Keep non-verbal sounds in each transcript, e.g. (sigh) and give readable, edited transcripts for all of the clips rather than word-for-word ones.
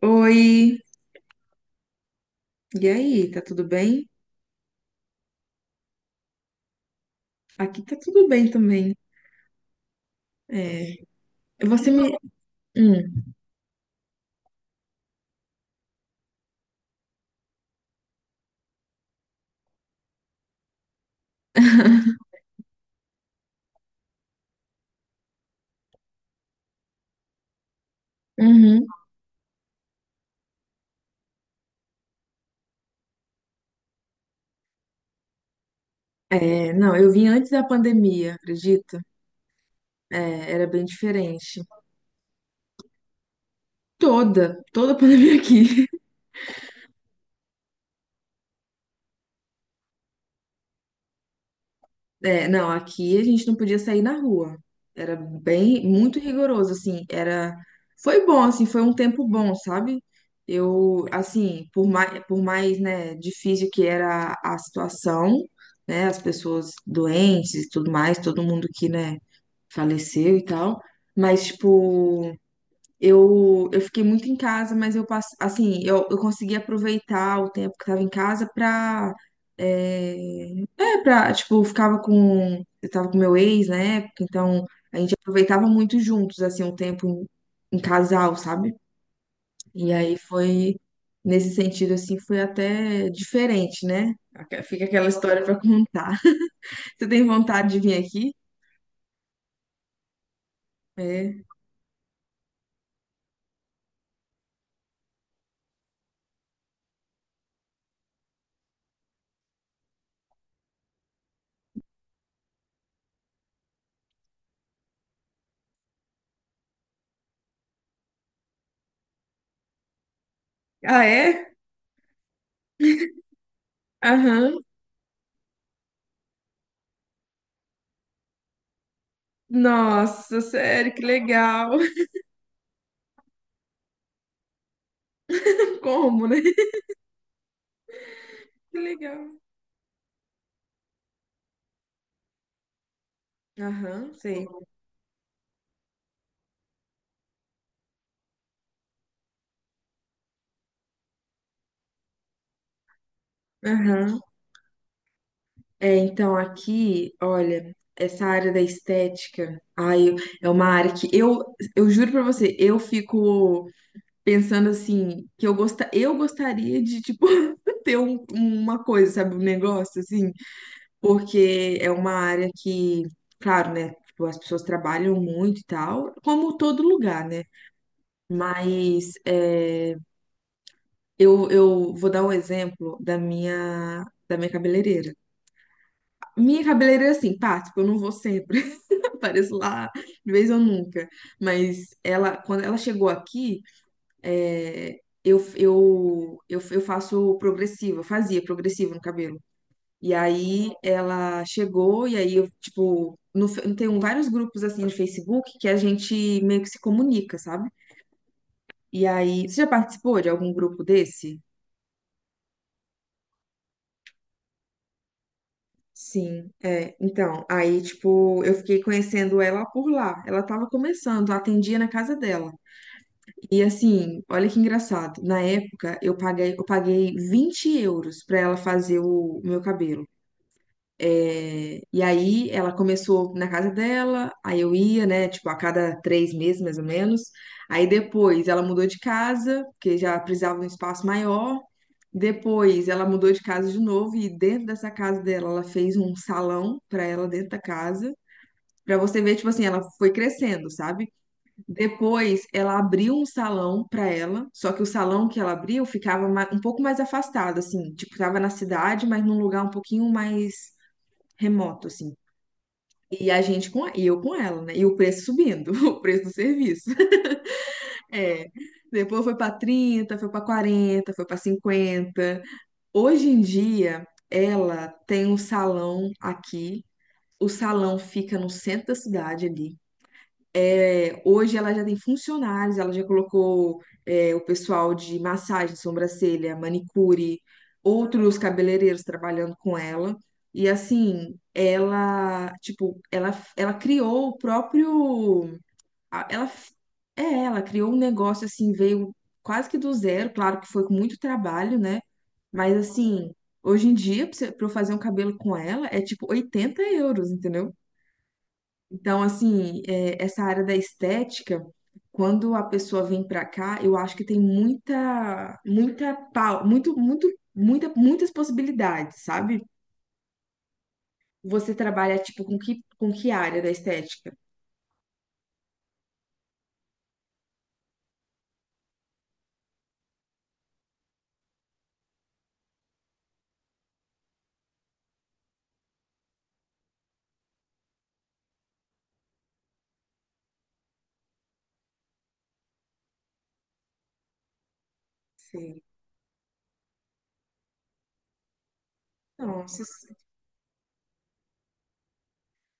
Oi, e aí, tá tudo bem? Aqui tá tudo bem também. É, você me. Hum, (laughs) uhum. É, não, eu vim antes da pandemia, acredita? É, era bem diferente. Toda, toda a (laughs) pandemia aqui. É, não, aqui a gente não podia sair na rua. Era bem, muito rigoroso, assim, era, foi bom, assim, foi um tempo bom, sabe? Eu, assim, por mais, né, difícil que era a situação, né, as pessoas doentes e tudo mais, todo mundo que, né, faleceu e tal, mas, tipo, eu fiquei muito em casa, mas eu passei, assim, eu consegui aproveitar o tempo que estava em casa pra, é, pra, tipo, eu ficava com, eu tava com meu ex na época, então a gente aproveitava muito juntos, assim, o tempo em casal, sabe? E aí foi, nesse sentido, assim, foi até diferente, né? Fica aquela história pra contar. (laughs) Você tem vontade de vir aqui? É. Ah, é? Aham. Nossa, sério, que legal. (laughs) Como, né? Que legal. Aham, sei. Aham. É, então aqui, olha, essa área da estética, ai, é uma área que eu juro pra você, eu fico pensando assim, que eu gosta, eu gostaria de, tipo, (laughs) ter uma coisa, sabe, um negócio assim, porque é uma área que, claro, né, tipo, as pessoas trabalham muito e tal, como todo lugar, né? Mas é, eu vou dar um exemplo da minha cabeleireira. Minha cabeleireira, é assim, pá, tipo, eu não vou sempre. (laughs) Apareço lá, de vez ou nunca. Mas ela, quando ela chegou aqui, é, eu faço progressiva, fazia progressivo no cabelo. E aí ela chegou, e aí eu, tipo, no, fe- tem vários grupos assim no Facebook que a gente meio que se comunica, sabe? E aí, você já participou de algum grupo desse? Sim, é. Então, aí, tipo, eu fiquei conhecendo ela por lá. Ela tava começando, eu atendia na casa dela. E assim, olha que engraçado. Na época, eu paguei 20 euros pra ela fazer o meu cabelo. É, e aí, ela começou na casa dela, aí eu ia, né, tipo, a cada três meses, mais ou menos. Aí depois, ela mudou de casa, porque já precisava de um espaço maior. Depois, ela mudou de casa de novo e dentro dessa casa dela, ela fez um salão pra ela dentro da casa. Pra você ver, tipo assim, ela foi crescendo, sabe? Depois, ela abriu um salão para ela, só que o salão que ela abriu ficava um pouco mais afastado, assim, tipo, tava na cidade, mas num lugar um pouquinho mais remoto, assim. E eu com ela, né? E o preço subindo, (laughs) o preço do serviço. (laughs) É. Depois foi para 30, foi para 40, foi para 50. Hoje em dia, ela tem um salão aqui. O salão fica no centro da cidade ali. É, hoje ela já tem funcionários, ela já colocou é, o pessoal de massagem, sobrancelha, manicure, outros cabeleireiros trabalhando com ela. E assim, ela criou o próprio, a- ela, f- é, ela criou um negócio assim, veio quase que do zero, claro que foi com muito trabalho, né? Mas assim, hoje em dia, pra eu fazer um cabelo com ela, é tipo 80 euros, entendeu? Então, assim, é, essa área da estética, quando a pessoa vem pra cá, eu acho que tem muitas possibilidades, sabe? Você trabalha, tipo, com que área da estética? Sim. Nossa,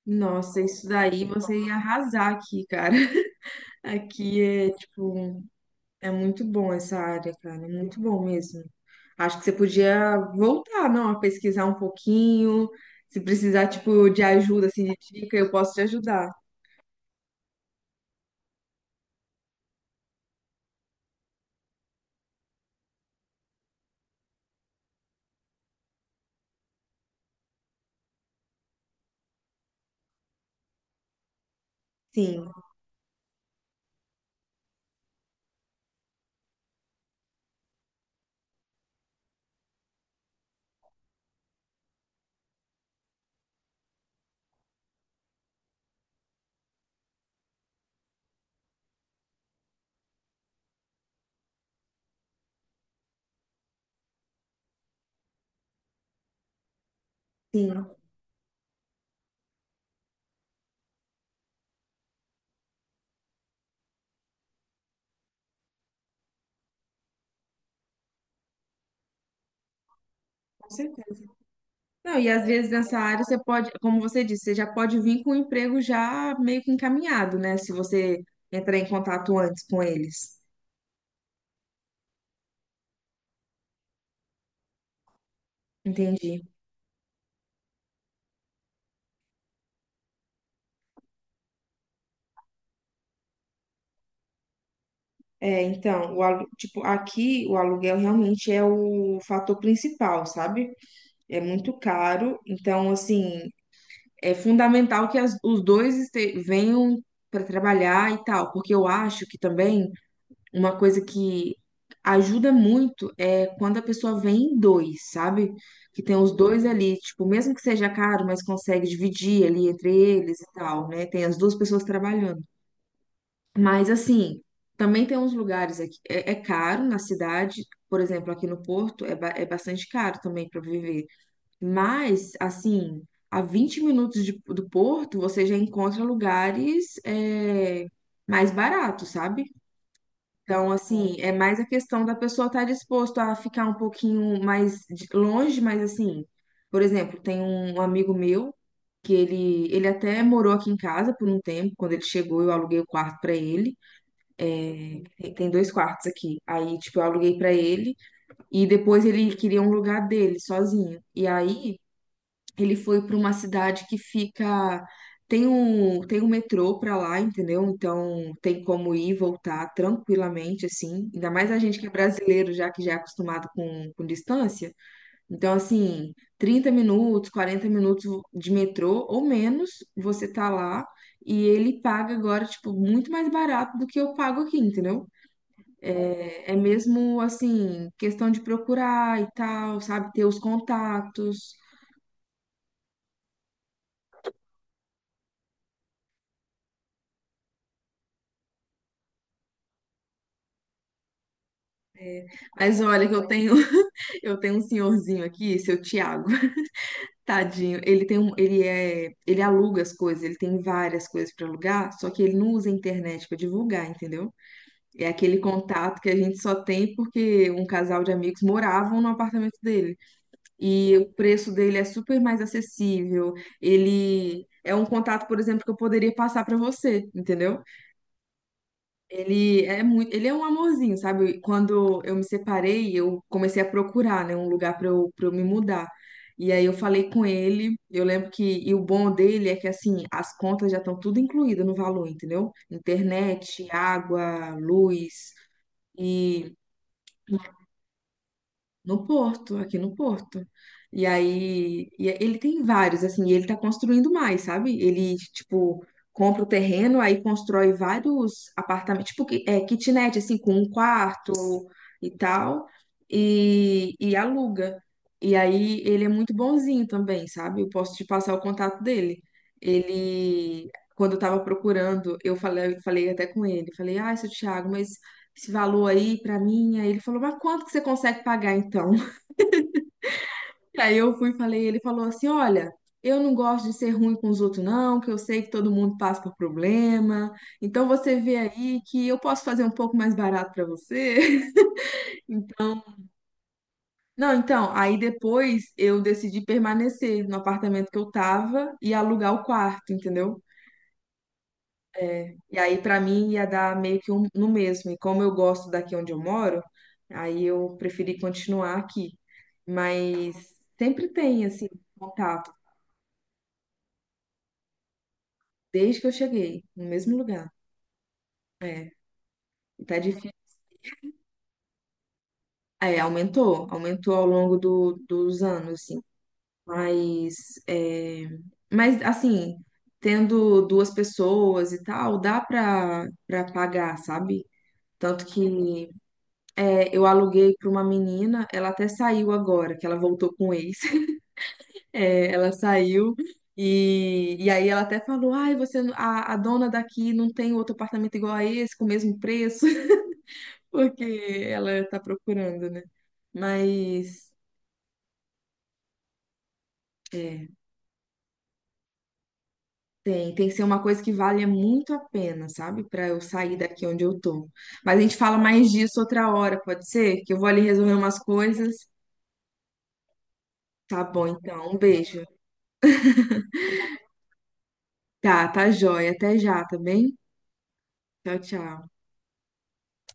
nossa, isso daí você ia arrasar aqui, cara. (laughs) Aqui é, tipo, é muito bom essa área, cara, é muito bom mesmo. Acho que você podia voltar, não, a pesquisar um pouquinho. Se precisar, tipo, de ajuda, assim, de dica, eu posso te ajudar. Sim, sim, com certeza. Não, e às vezes nessa área você pode, como você disse, você já pode vir com o emprego já meio que encaminhado, né? Se você entrar em contato antes com eles. Entendi. É, então, tipo, aqui o aluguel realmente é o fator principal, sabe? É muito caro, então assim, é fundamental que os dois venham para trabalhar e tal, porque eu acho que também uma coisa que ajuda muito é quando a pessoa vem em dois, sabe? Que tem os dois ali, tipo, mesmo que seja caro, mas consegue dividir ali entre eles e tal, né? Tem as duas pessoas trabalhando. Mas assim, também tem uns lugares aqui, é caro na cidade, por exemplo, aqui no Porto é, é bastante caro também para viver. Mas, assim, a 20 minutos do Porto, você já encontra lugares é, mais baratos, sabe? Então, assim, é mais a questão da pessoa estar disposta a ficar um pouquinho mais longe, mas assim, por exemplo, tem um amigo meu que ele até morou aqui em casa por um tempo. Quando ele chegou, eu aluguei o quarto pra ele. Tem dois quartos aqui. Aí, tipo, eu aluguei pra ele. E depois ele queria um lugar dele, sozinho. E aí, ele foi para uma cidade que fica. Tem um metrô para lá, entendeu? Então tem como ir e voltar tranquilamente, assim. Ainda mais a gente que é brasileiro, já que já é acostumado com distância. Então, assim, 30 minutos, 40 minutos de metrô ou menos, você tá lá. E ele paga agora, tipo, muito mais barato do que eu pago aqui, entendeu? É mesmo assim, questão de procurar e tal, sabe? Ter os contatos. Mas olha que eu tenho (laughs) eu tenho um senhorzinho aqui, seu Tiago, (laughs) tadinho. Ele é, ele aluga as coisas, ele tem várias coisas para alugar, só que ele não usa a internet para divulgar, entendeu? É aquele contato que a gente só tem porque um casal de amigos moravam no apartamento dele. E o preço dele é super mais acessível. Ele é um contato, por exemplo, que eu poderia passar para você, entendeu? Ele é muito, ele é um amorzinho, sabe? Quando eu me separei, eu comecei a procurar, né, um lugar para eu me mudar. E aí eu falei com ele, eu lembro que, e o bom dele é que assim, as contas já estão tudo incluídas no valor, entendeu? Internet, água, luz e no Porto, aqui no Porto. E aí, e é, ele tem vários, assim, e ele tá construindo mais, sabe? Ele, tipo, compra o terreno, aí constrói vários apartamentos, tipo, kitnet, assim, com um quarto e tal, e aluga. E aí, ele é muito bonzinho também, sabe? Eu posso te passar o contato dele. Ele, quando eu tava procurando, eu falei até com ele, falei, ah, seu Thiago, mas esse valor aí pra mim. Aí ele falou, mas quanto que você consegue pagar então? (laughs) Aí eu fui e falei, ele falou assim, olha, eu não gosto de ser ruim com os outros não, que eu sei que todo mundo passa por problema. Então você vê aí que eu posso fazer um pouco mais barato pra você. (laughs) Não, então, aí depois eu decidi permanecer no apartamento que eu tava e alugar o quarto, entendeu? E aí, pra mim, ia dar meio que um, no mesmo. E como eu gosto daqui onde eu moro, aí eu preferi continuar aqui. Mas sempre tem, assim, contato, desde que eu cheguei, no mesmo lugar. É, e tá difícil. É, aumentou, aumentou ao longo do, dos anos, assim. Mas, é, mas, assim, tendo duas pessoas e tal, dá pra, pra pagar, sabe? Tanto que é, eu aluguei para uma menina, ela até saiu agora, que ela voltou com o ex. (laughs) É, ela saiu e aí ela até falou: Ai, você, a dona daqui não tem outro apartamento igual a esse, com o mesmo preço, (laughs) porque ela tá procurando, né? Mas é, tem que ser uma coisa que valha muito a pena, sabe? Para eu sair daqui onde eu tô. Mas a gente fala mais disso outra hora, pode ser? Que eu vou ali resolver umas coisas. Tá bom, então, um beijo. Tá, tá jóia. Até já, tá bem? Tchau, tchau.